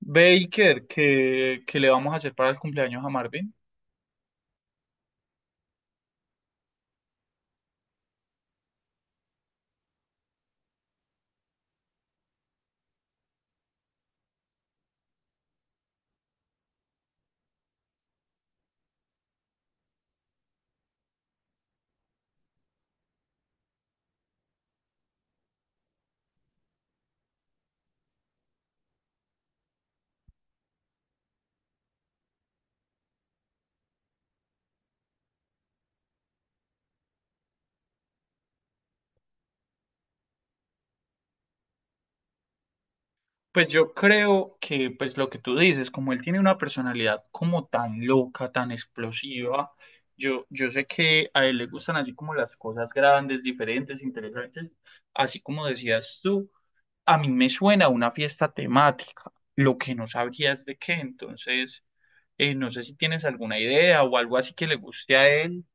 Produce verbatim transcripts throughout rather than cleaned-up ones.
Baker, ¿qué, qué le vamos a hacer para el cumpleaños a Marvin? Pues yo creo que, pues lo que tú dices, como él tiene una personalidad como tan loca, tan explosiva, yo, yo sé que a él le gustan así como las cosas grandes, diferentes, interesantes, así como decías tú, a mí me suena a una fiesta temática, lo que no sabría es de qué, entonces, eh, no sé si tienes alguna idea o algo así que le guste a él.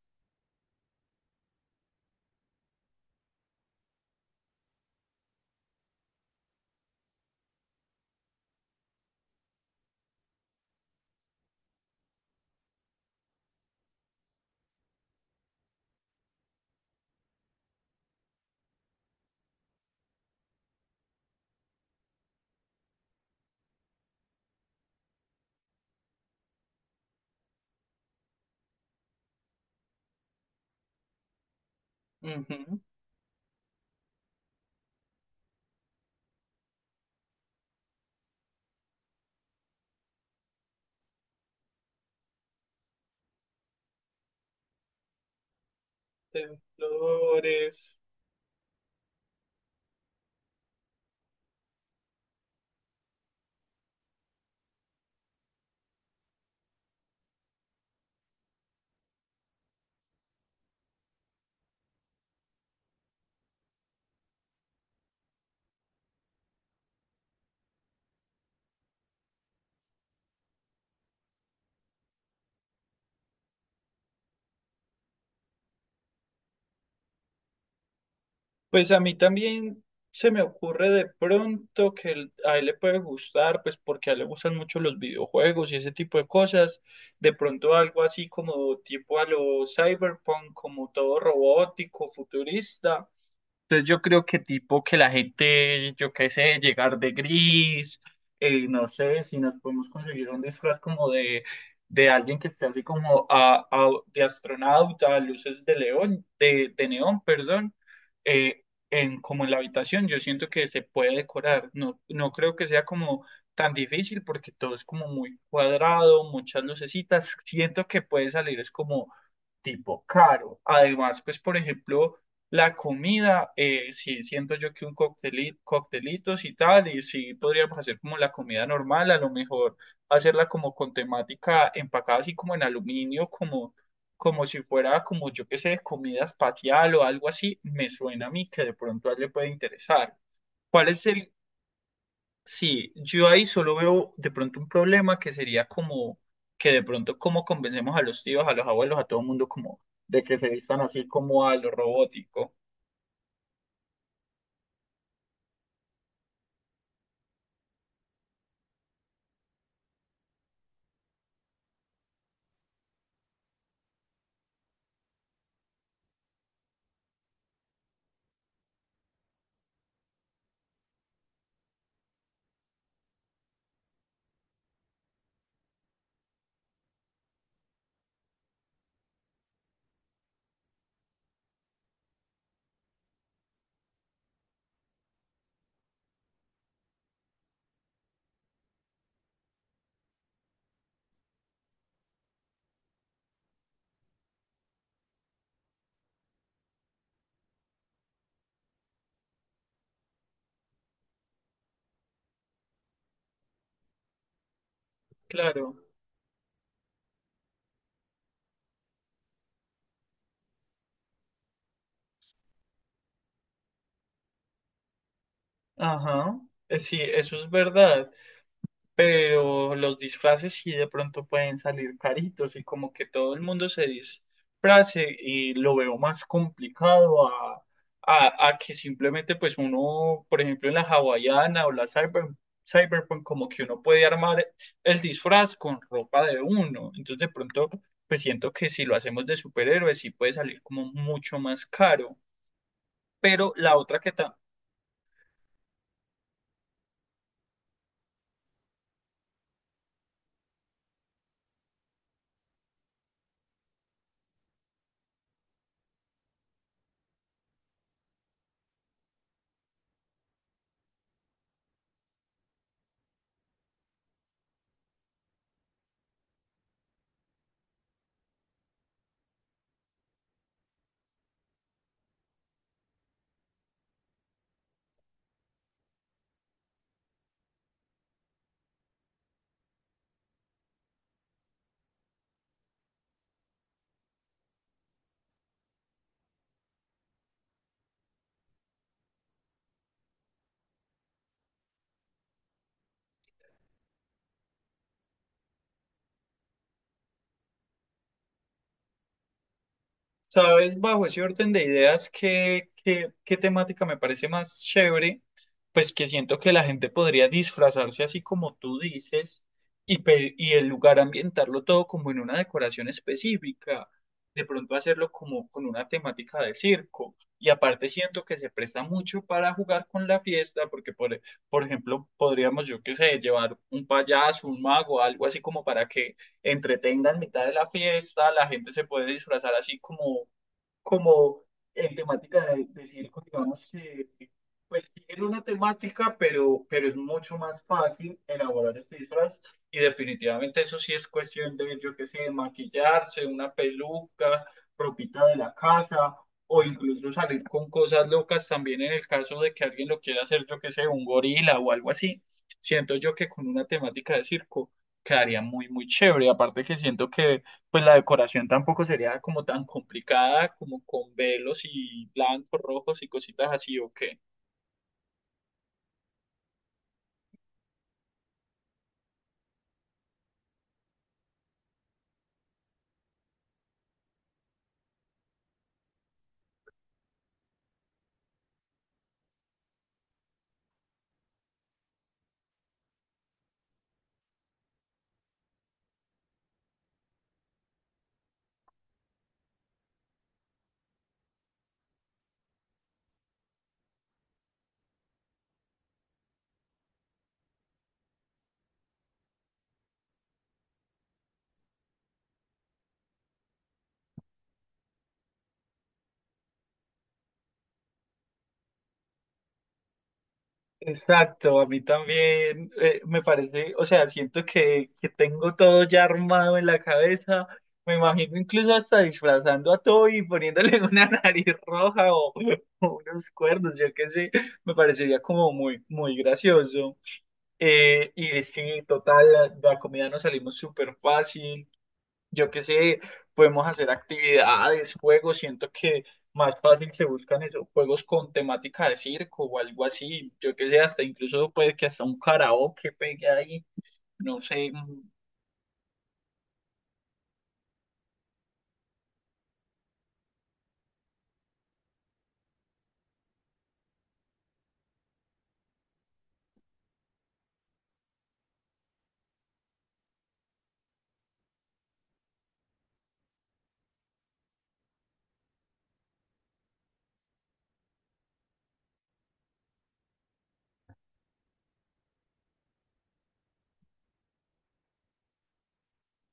Ujú, de flores. Pues a mí también se me ocurre de pronto que el- a él le puede gustar, pues porque a él le gustan mucho los videojuegos y ese tipo de cosas. De pronto algo así como tipo a lo cyberpunk, como todo robótico, futurista. Entonces yo creo que tipo que la gente, yo qué sé, llegar de gris, eh, no sé, si nos podemos conseguir un disfraz como de, de alguien que esté así como a, a- de astronauta, luces de león, de, de neón, perdón, eh, en, como en la habitación, yo siento que se puede decorar, no, no creo que sea como tan difícil porque todo es como muy cuadrado, muchas lucecitas, siento que puede salir, es como tipo caro. Además, pues, por ejemplo, la comida, eh, sí, siento yo que un coctelito, coctelitos y tal, y sí podríamos hacer como la comida normal, a lo mejor hacerla como con temática empacada así como en aluminio, como, como si fuera como yo qué sé, comida espacial o algo así, me suena a mí que de pronto a él le puede interesar. ¿Cuál es el? Sí, yo ahí solo veo de pronto un problema que sería como que de pronto cómo convencemos a los tíos, a los abuelos, a todo el mundo como de que se vistan así como a lo robótico. Claro. Ajá. Eh, Sí, eso es verdad. Pero los disfraces sí de pronto pueden salir caritos y como que todo el mundo se disfrace y lo veo más complicado a, a, a que simplemente pues uno, por ejemplo, en la hawaiana o la cyber, cyberpunk, como que uno puede armar el disfraz con ropa de uno. Entonces de pronto pues siento que si lo hacemos de superhéroes sí puede salir como mucho más caro. Pero la otra que tal. ¿Sabes, bajo ese orden de ideas, qué, qué, qué temática me parece más chévere? Pues que siento que la gente podría disfrazarse así como tú dices y, pe- y el lugar ambientarlo todo como en una decoración específica, de pronto hacerlo como con una temática de circo. Y aparte siento que se presta mucho para jugar con la fiesta, porque por, e- por ejemplo podríamos, yo qué sé, llevar un payaso, un mago, algo así como para que entretenga en mitad de la fiesta, la gente se puede disfrazar así como como en temática de, de circo, digamos que pues tienen una temática, pero, pero es mucho más fácil elaborar este disfraz y definitivamente eso sí es cuestión de, yo qué sé, maquillarse, una peluca propita de la casa o incluso salir con cosas locas también en el caso de que alguien lo quiera hacer, yo qué sé, un gorila o algo así. Siento yo que con una temática de circo quedaría muy, muy chévere. Aparte que siento que pues la decoración tampoco sería como tan complicada, como con velos y blancos, rojos y cositas así, ¿o qué? Exacto, a mí también eh, me parece, o sea, siento que, que tengo todo ya armado en la cabeza. Me imagino incluso hasta disfrazando a Toby y poniéndole una nariz roja o, o unos cuernos, yo qué sé, me parecería como muy, muy gracioso. Eh, y es que, total, la, la comida nos salimos súper fácil. Yo qué sé, podemos hacer actividades, juegos, siento que más fácil se buscan esos juegos con temática de circo o algo así, yo qué sé, hasta incluso puede que hasta un karaoke pegue ahí, no sé, mm,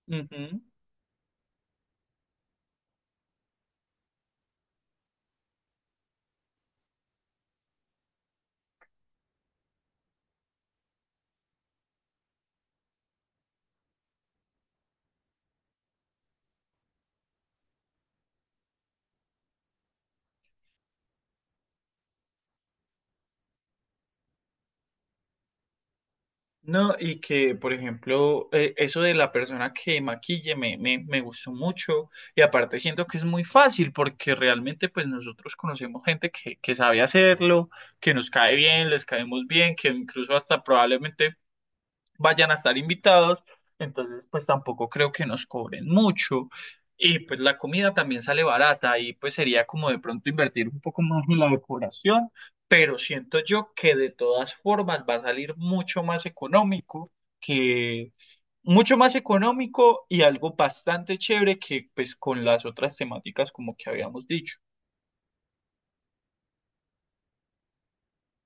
ujú. No, y que, por ejemplo, eh, eso de la persona que maquille me, me, me gustó mucho y aparte siento que es muy fácil porque realmente pues nosotros conocemos gente que, que sabe hacerlo, que nos cae bien, les caemos bien, que incluso hasta probablemente vayan a estar invitados, entonces pues tampoco creo que nos cobren mucho. Y pues la comida también sale barata y pues sería como de pronto invertir un poco más en la decoración, pero siento yo que de todas formas va a salir mucho más económico que mucho más económico y algo bastante chévere que pues con las otras temáticas como que habíamos dicho.